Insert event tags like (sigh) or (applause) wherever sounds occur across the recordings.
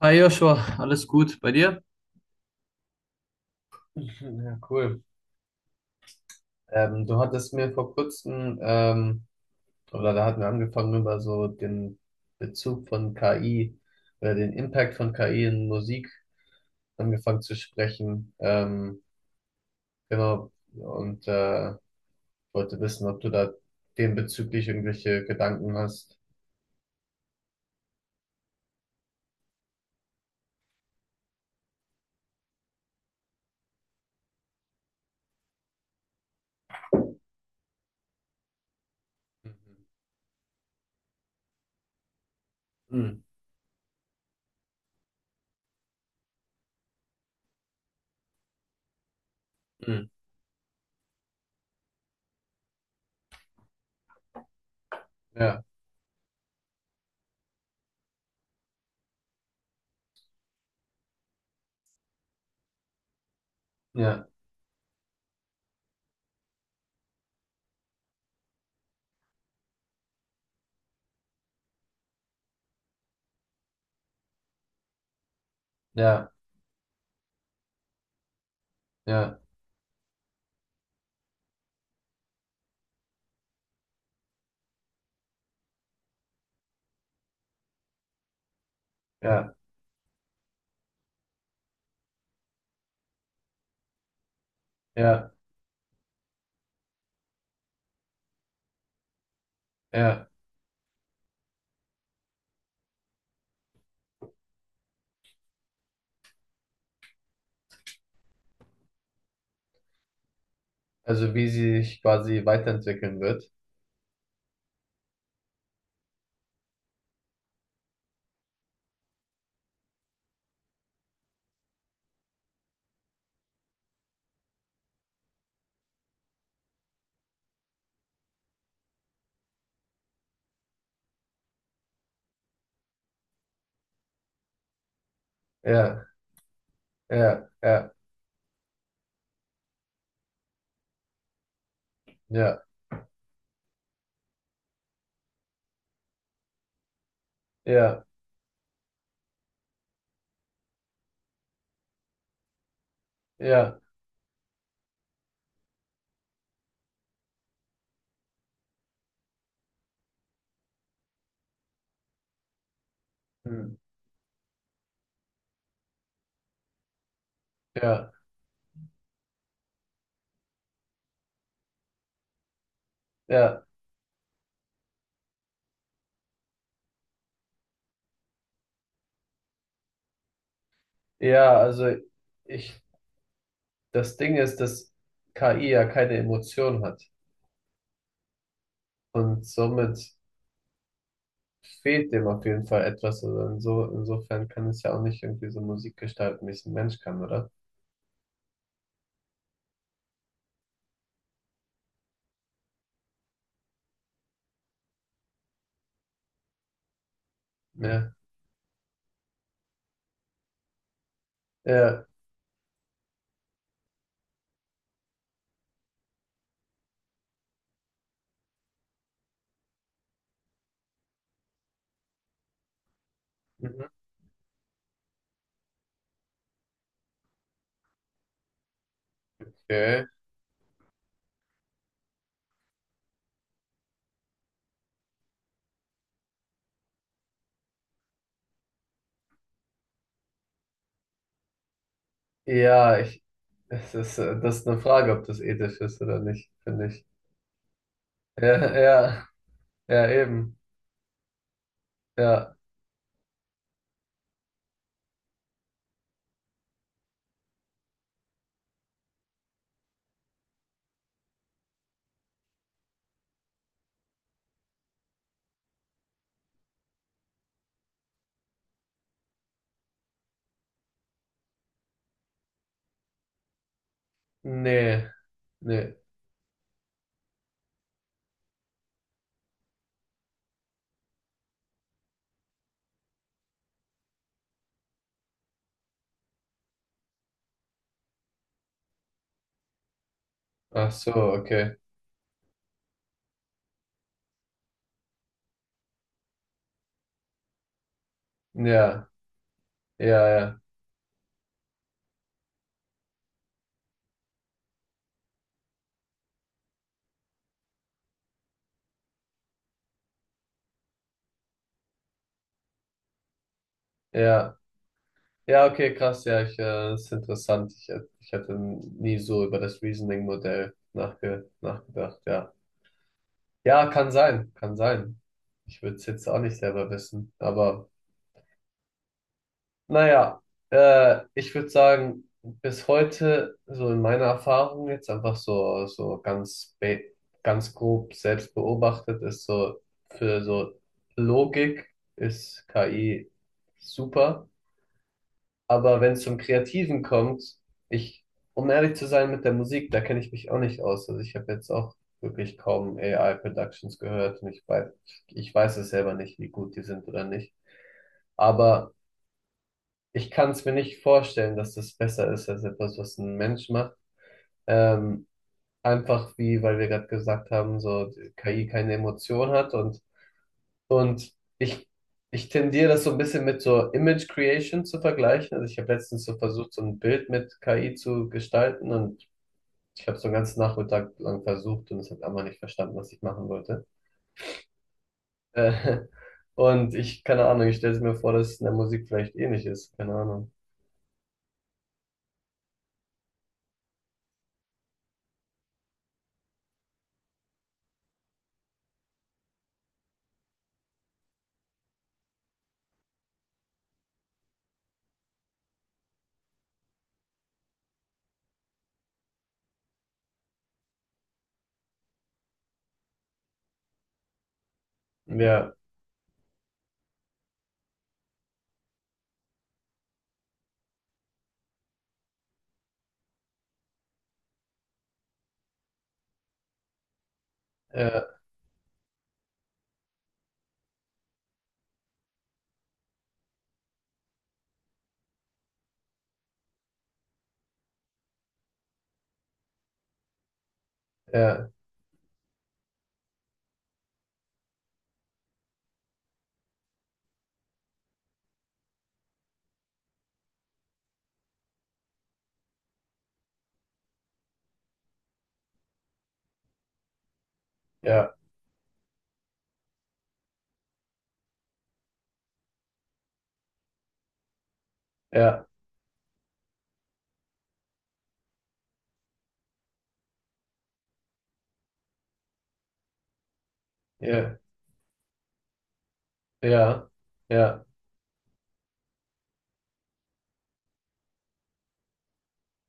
Hi Joshua, alles gut bei dir? Ja, cool. Du hattest mir vor kurzem, oder da hatten wir angefangen, über so den Bezug von KI oder den Impact von KI in Musik angefangen zu sprechen. Genau. Und wollte wissen, ob du da dem bezüglich irgendwelche Gedanken hast. Mhm. Mhm. Ja, ja, ja, ja, ja, ja, ja. Also wie sie sich quasi weiterentwickeln wird. Ja. Ja, ja, ja, ja, ja, hm, ja, ja, ja, ich, das Ding ist, dass KI ja keine Emotion hat und somit fehlt dem auf jeden Fall etwas. Also insofern kann es ja auch nicht irgendwie so Musik gestalten, wie es ein Mensch kann, oder? Ja, ja, mhm, okay. Ja, ich, Es ist, das ist eine Frage, ob das ethisch ist oder nicht, finde ich. Ja, (laughs) ja, ja, eben, ja, nee, nee, ach so, okay. Ja, ja, ja, ja. Ja, okay, krass, ja, das ist interessant. Ich hätte nie so über das Reasoning-Modell nachgedacht, ja. Ja, kann sein, kann sein. Ich würde es jetzt auch nicht selber wissen, aber naja, ich würde sagen, bis heute, so in meiner Erfahrung jetzt einfach so, so ganz, ganz grob selbst beobachtet, ist so für so Logik ist KI super. Aber wenn es zum Kreativen kommt, ich, um ehrlich zu sein mit der Musik, da kenne ich mich auch nicht aus. Also ich habe jetzt auch wirklich kaum AI-Productions gehört und ich weiß es selber nicht, wie gut die sind oder nicht. Aber ich kann es mir nicht vorstellen, dass das besser ist als etwas, was ein Mensch macht. Ähm, Einfach wie, weil wir gerade gesagt haben, so KI keine Emotion hat und ich, ich tendiere das so ein bisschen mit so Image Creation zu vergleichen. Also ich habe letztens so versucht, so ein Bild mit KI zu gestalten und ich habe so einen ganzen Nachmittag lang versucht und es hat einfach nicht verstanden, was ich machen wollte. Äh, (laughs) und keine Ahnung, ich stelle mir vor, dass es in der Musik vielleicht ähnlich ist. Keine Ahnung. Ja, ja, ja, ja, ja, ja, ja, ja,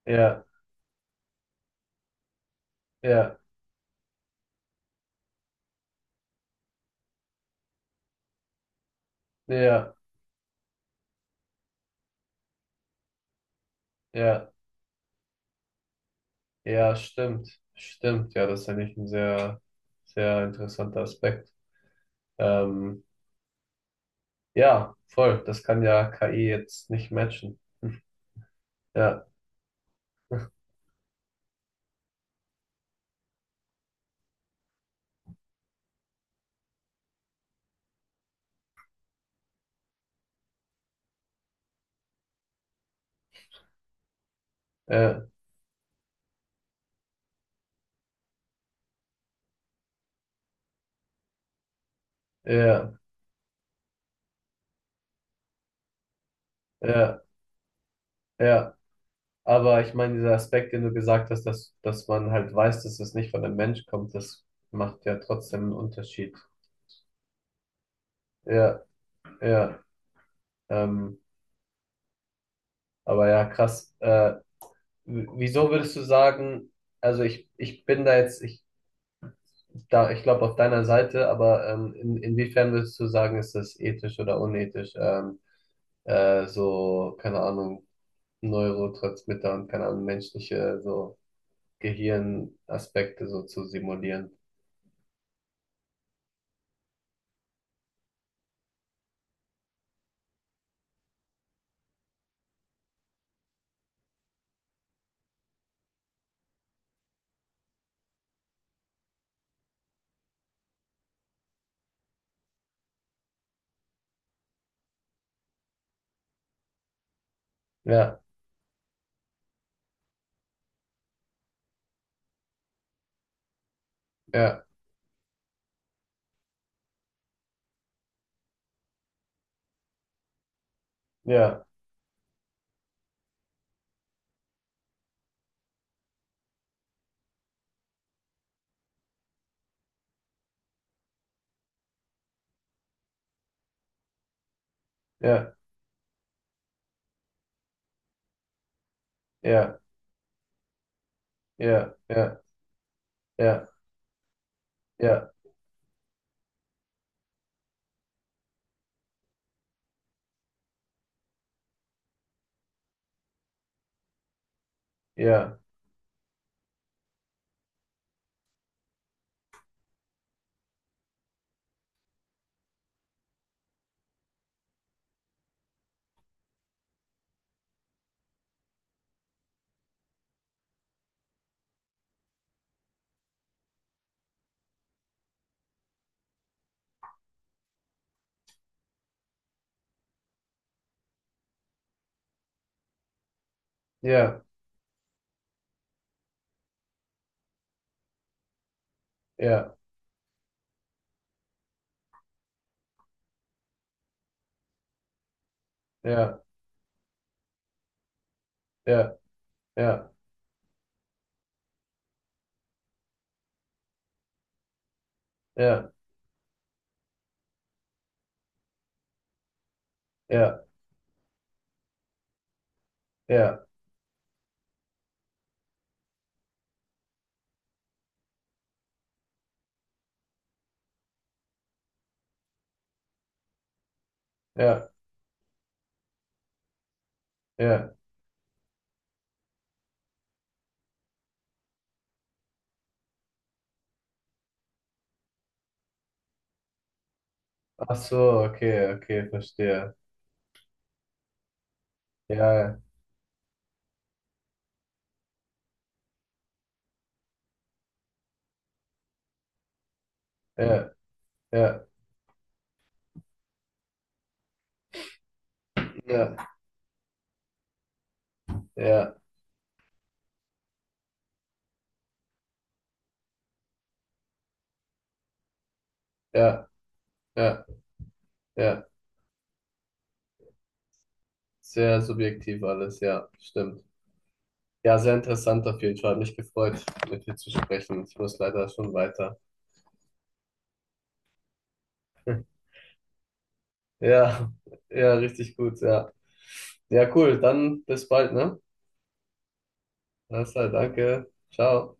ja, ja, ja, ja, ja, ja, stimmt. Stimmt. Ja, das ist eigentlich ein sehr, sehr interessanter Aspekt. Ähm, ja, voll. Das kann ja KI jetzt nicht matchen. Hm. Ja, ja, ja, ja, ja. Aber ich meine, dieser Aspekt, den du gesagt hast, dass man halt weiß, dass es nicht von einem Mensch kommt, das macht ja trotzdem einen Unterschied. Ja, ja. Ähm, aber ja, krass. Wieso würdest du sagen, ich bin da jetzt, ich glaube auf deiner Seite, aber inwiefern würdest du sagen, ist das ethisch oder unethisch? So, keine Ahnung, Neurotransmitter und keine Ahnung, menschliche so Gehirnaspekte so zu simulieren. Ja, ja, ja, ja, ja, ja, ja, ja, ja, ja, ja, ja, ja, ja, ja, ja, ja, ja, ja, ja. Ach so, okay, okay, verstehe. Ja, ja, ja, ja, ja, ja. Ja. Ja, ja, sehr subjektiv alles, ja, stimmt. Ja, sehr interessant auf jeden Fall. Hat mich gefreut, mit dir zu sprechen. Ich muss leider schon weiter. (laughs) Ja, ja, richtig gut, ja. Ja, cool. Dann bis bald, ne? Alles klar, danke. Ciao.